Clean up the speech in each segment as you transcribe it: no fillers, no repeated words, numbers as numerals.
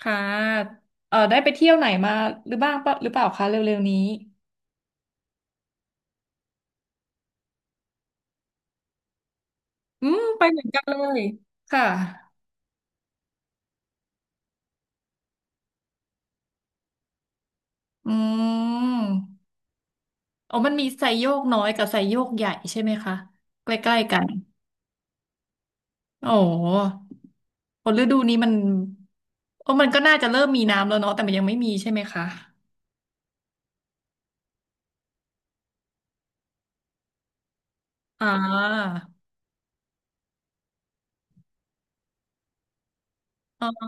ค่ะได้ไปเที่ยวไหนมาหรือบ้างปะหรือเปล่าคะเร็วๆนี้อืมไปเหมือนกันเลยค่ะอืมอ๋อมันมีไซโยกน้อยกับไซโยกใหญ่ใช่ไหมคะใกล้ๆกันโอ้โหพอฤดูนี้มันโอ้มันก็น่าจะเริ่มมีน้ำแล้วเนาะแต่มันยังไม่มีใช่ไหมคะอ่าอ๋อ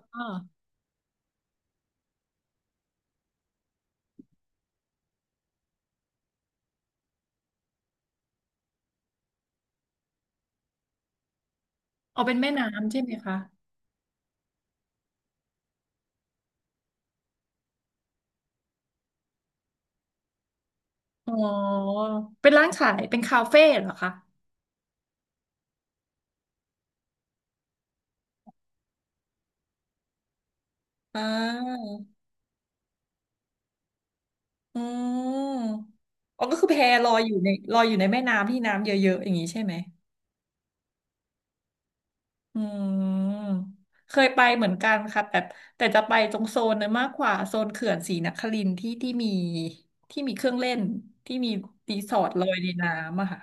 อ๋อเป็นแม่น้ำใช่ไหมคะอ๋อเป็นร้านขายเป็นคาเฟ่เหรอคะอ่า อ๋ออ๋อก็คือแพลอยอยู่ในแม่น้ำที่น้ำเยอะๆอย่างนี้ใช่ไหมอืมเคยไปเหมือนกันค่ะแต่จะไปตรงโซนนั้นมากกว่าโซนเขื่อนศรีนครินทร์ที่มีที่มีเครื่องเล่นที่มีรีสอร์ทลอยในน้ำอะค่ะ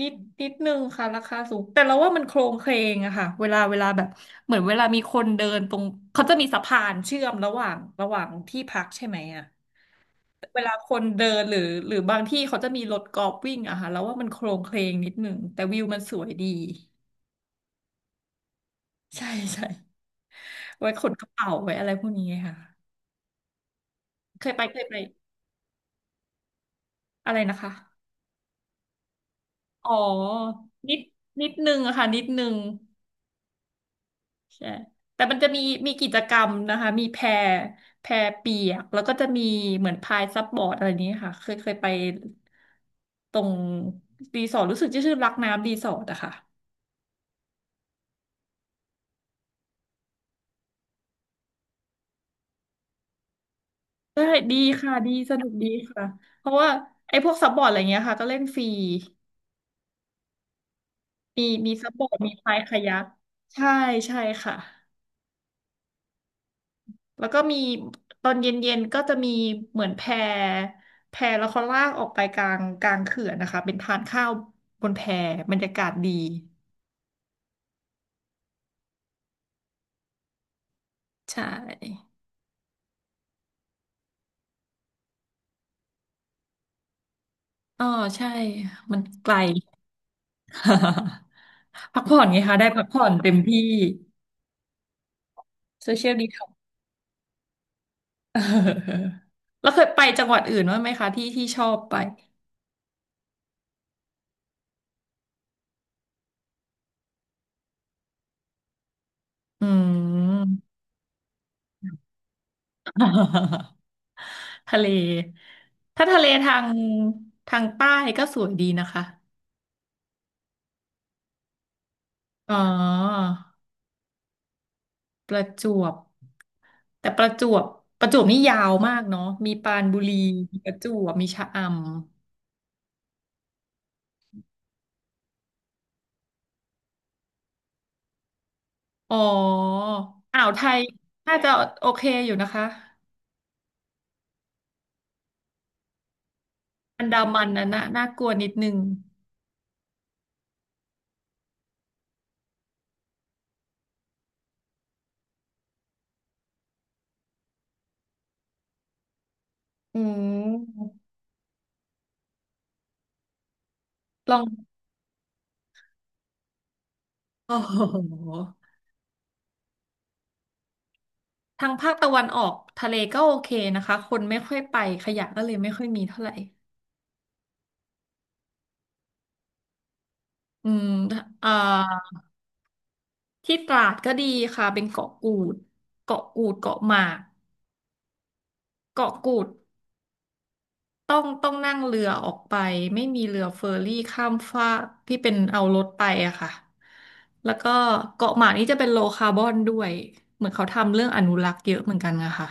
นิดนิดนึงค่ะราคาสูงแต่เราว่ามันโครงเคลงอะค่ะเวลาแบบเหมือนเวลามีคนเดินตรงเขาจะมีสะพานเชื่อมระหว่างที่พักใช่ไหมอะ เวลาคนเดินหรือบางที่เขาจะมีรถกอล์ฟวิ่งอะค่ะแล้วว่ามันโครงเคลงนิดหนึ่งแต่วิวมันสวยดีใช่ใช่ไว้ขนกระเป๋าไว้อะไรพวกนี้ค่ะเคยไปอะไรนะคะอ๋อนิดนิดนึงอะค่ะนิดนึงใช่แต่มันจะมีมีกิจกรรมนะคะมีแพแพเปียกแล้วก็จะมีเหมือนพายซับบอร์ดอะไรนี้ค่ะเคยไปตรงรีสอร์ทรู้สึกจะชื่อรักน้ำรีสอร์ทอะค่ะ ได้ดีค่ะดีสนุกดีค่ะเพราะว่าไอ้พวกซับบอร์ดอะไรเงี้ยค่ะก็เล่นฟรีมีซับบอร์ดมีพายคายักใช่ใช่ค่ะแล้วก็มีตอนเย็นๆก็จะมีเหมือนแพแล้วเขาลากออกไปกลางเขื่อนนะคะเป็นทานข้าวบนแพบรรยากาศดีใช่อ๋อใช่มันไกล พักผ่อนไงคะได้พักผ่อนเต็มที่โซเชียลดี เออแล้วเคยไปจังหวัดอื่นบ้างไหมคะที่ชอบไปอืม ทะเลถ้าทะเลทางใต้ก็สวยดีนะคะอ๋อประจวบแต่ประจวบประจวบนี่ยาวมากเนาะมีปรานบุรีมีประจวบมีชะอำอ๋ออ่าวไทยน่าจะโอเคอยู่นะคะอันดามันนะน่ะน่ากลัวนิดนึงอืมลองโอ้โห ทางภาคตะวันออกทะเลก็โอเคนะคะคนไม่ค่อยไปขยะก็เลยไม่ค่อยมีเท่าไหร่อืมเอ่อที่ตราดก็ดีค่ะเป็นเกาะกูดเกาะหมากเกาะกูดต้องนั่งเรือออกไปไม่มีเรือเฟอร์รี่ข้ามฟากที่เป็นเอารถไปอะค่ะแล้วก็เกาะหมากนี่จะเป็นโลคาร์บอนด้วยเหมือนเขาทำเรื่องอนุรักษ์เยอะเหมือนกันนะคะ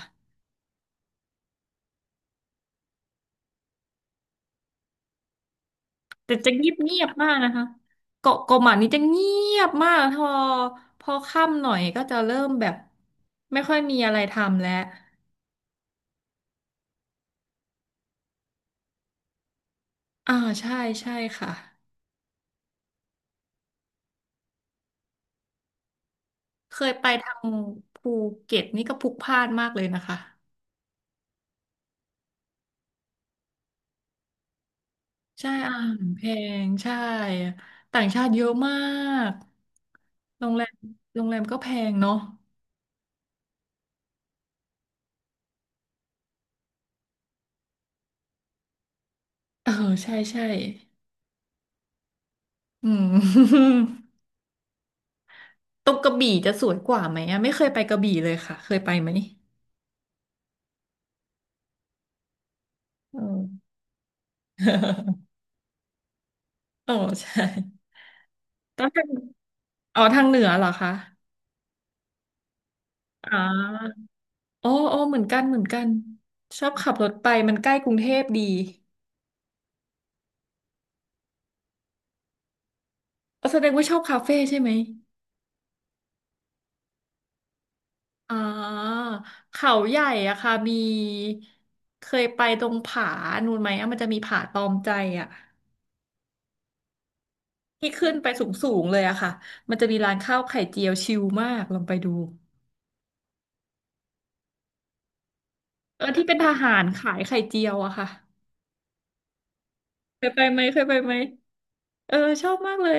แต่จะเงียบเงียบมากนะคะเกาะหมานี่จะเงียบมากพอค่ำหน่อยก็จะเริ่มแบบไม่ค่อยมีอะไรทำแล้วอ่าใช่ใช่ค่ะเคยไปทางภูเก็ตนี่ก็พลุกพล่านมากเลยนะคะใช่อาหารแพงใช่ต่างชาติเยอะมากโรงแรมโรงแรมก็แพงเนาะเออใช่ใช่อืม ตรงกระบี่จะสวยกว่าไหมอะไม่เคยไปกระบี่เลยค่ะเคยไปไหมเออ โอ้ใช่ ต้องทางอ๋อทางเหนือเหรอคะอ๋ออ๋ออ๋อเหมือนกันเหมือนกัน ชอบขับรถไปมันใกล้กรุงเทพดีอ๋อแสดงว่าชอบคาเฟ่ใช่ไหมอ๋อเขาใหญ่อะค่ะมีเคยไปตรงผานู่นไหมอะมันจะมีผาตอมใจอะที่ขึ้นไปสูงสูงเลยอะค่ะมันจะมีร้านข้าวไข่เจียวชิลมากลองไปดูเออที่เป็นทหารขายไข่เจียวอะค่ะเคยไปไหมเออชอบมากเลย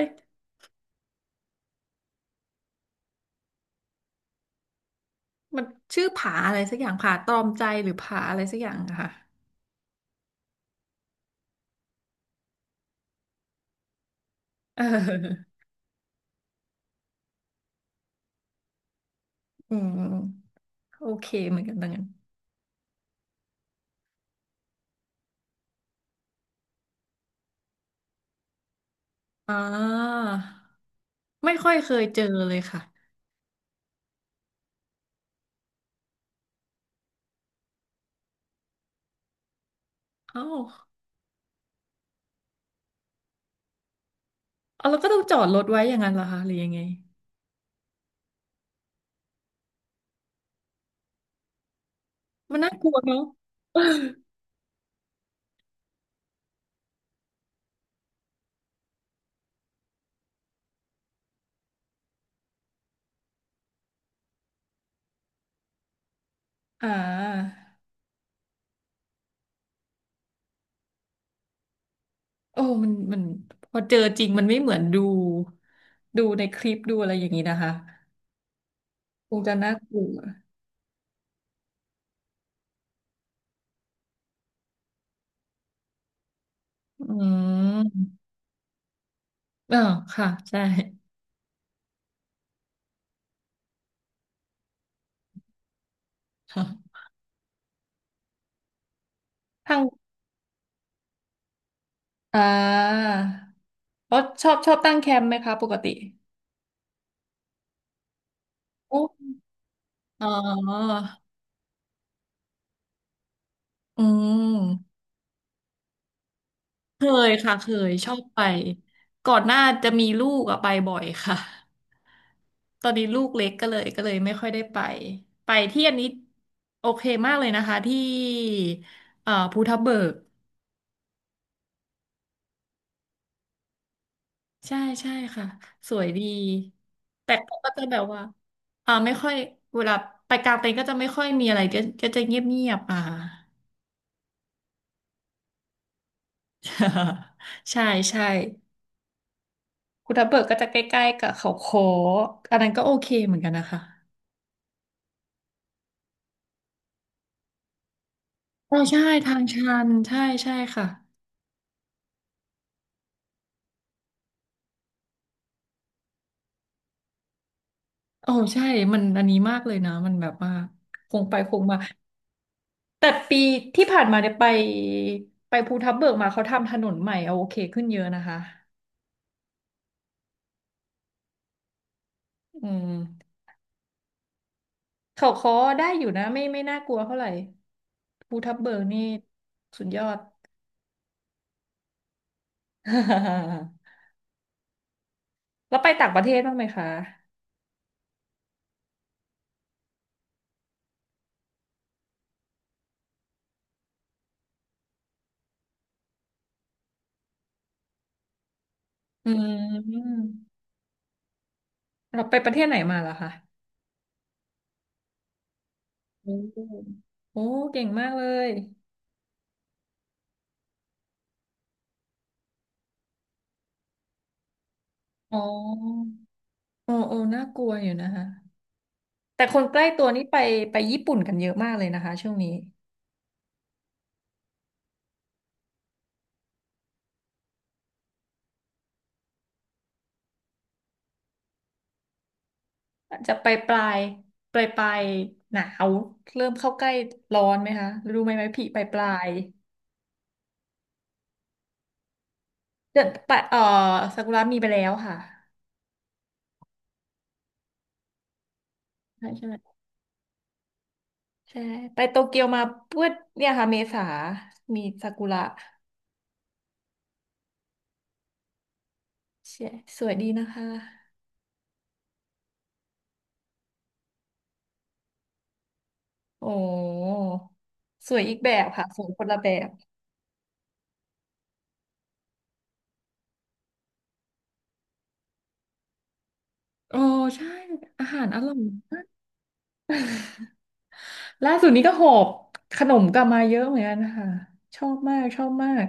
มันชื่อผาอะไรสักอย่างผาตรอมใจหรือผาอะไรสักอย่างอะค่ะเออ อืมโอเคเหมือนกันดังนั้นอ่าไม่ค่อยเคยเจอเลยค่ะเอ้าเอาแล้วก็ต้องจอดรถไว้อย่างนั้นเหรอคะหรือยังไงมันน่ากลัวเนาะ อ่าโอ้มันพอเจอจริงมันไม่เหมือนดูในคลิปดูอะไรอย่างนี้นะคะคงจะน่ากลัวอืมอ่าค่ะใช่ ค่ะ อ่าแล้วชอบตั้งแคมป์ไหมคะปกติโอ้อ๋ออืมเคยค่ะเคยชอบไปก่อนหน้าจะมีลูกอะไปบ่อยค่ะ ตอนนี้ลูกเล็กก็เลยไม่ค่อยได้ไปไปที่อันนี้โอเคมากเลยนะคะที่ภูทับเบิกใช่ใช่ค่ะสวยดีแต่ก็จะแบบว่าอ่าไม่ค่อยเวลาไปกลางเต็นท์ก็จะไม่ค่อยมีอะไรก็จะเงียบเงียบอ่า ใช่ใช่ภูทับเบิกก็จะใกล้ๆกับเขาโค้กอันนั้นก็โอเคเหมือนกันนะคะอ๋อใช่ทางชันใช่ใช่ค่ะโอ้ใช่มันอันนี้มากเลยนะมันแบบว่าคงไปคงมาแต่ปีที่ผ่านมาเนี่ยไปภูทับเบิกมาเขาทำถนนใหม่เอาโอเคขึ้นเยอะนะคะอืมเขาค้อได้อยู่นะไม่น่ากลัวเท่าไหร่ภูทับเบิกนี่สุดยอด แล้วไปต่างประเทศบ้างไหมคะอืม เราไปประเทศไหนมาเหรอคะโอ้โอ้เก่งมากเลยอ๋อโอ้โอ้น่ากลัวอยู่นะคะแต่คนใกล้ตัวนี่ไปไปญี่ปุ่นกันเยอะมากเลยนะคะช่วงนี้จะไปปลายปลายปลายหนาวเริ่มเข้าใกล้ร้อนไหมคะรู้ไหมพี่ปลายปลายเดือนปลายซากุระมีไปแล้วค่ะใช่ใช่ไใช่ไปโตเกียวมาเพื่อเนี่ยค่ะเมษามีซากุระใช่สวยดีนะคะ โอ้สวยอีกแบบค่ะสวยคนละแบบโอ้ใช่ อาหารอร่อยมาก ล่าสุดนี้ก็หอบขนมกลับมาเยอะเหมือนกันค่ะชอบมากชอบมาก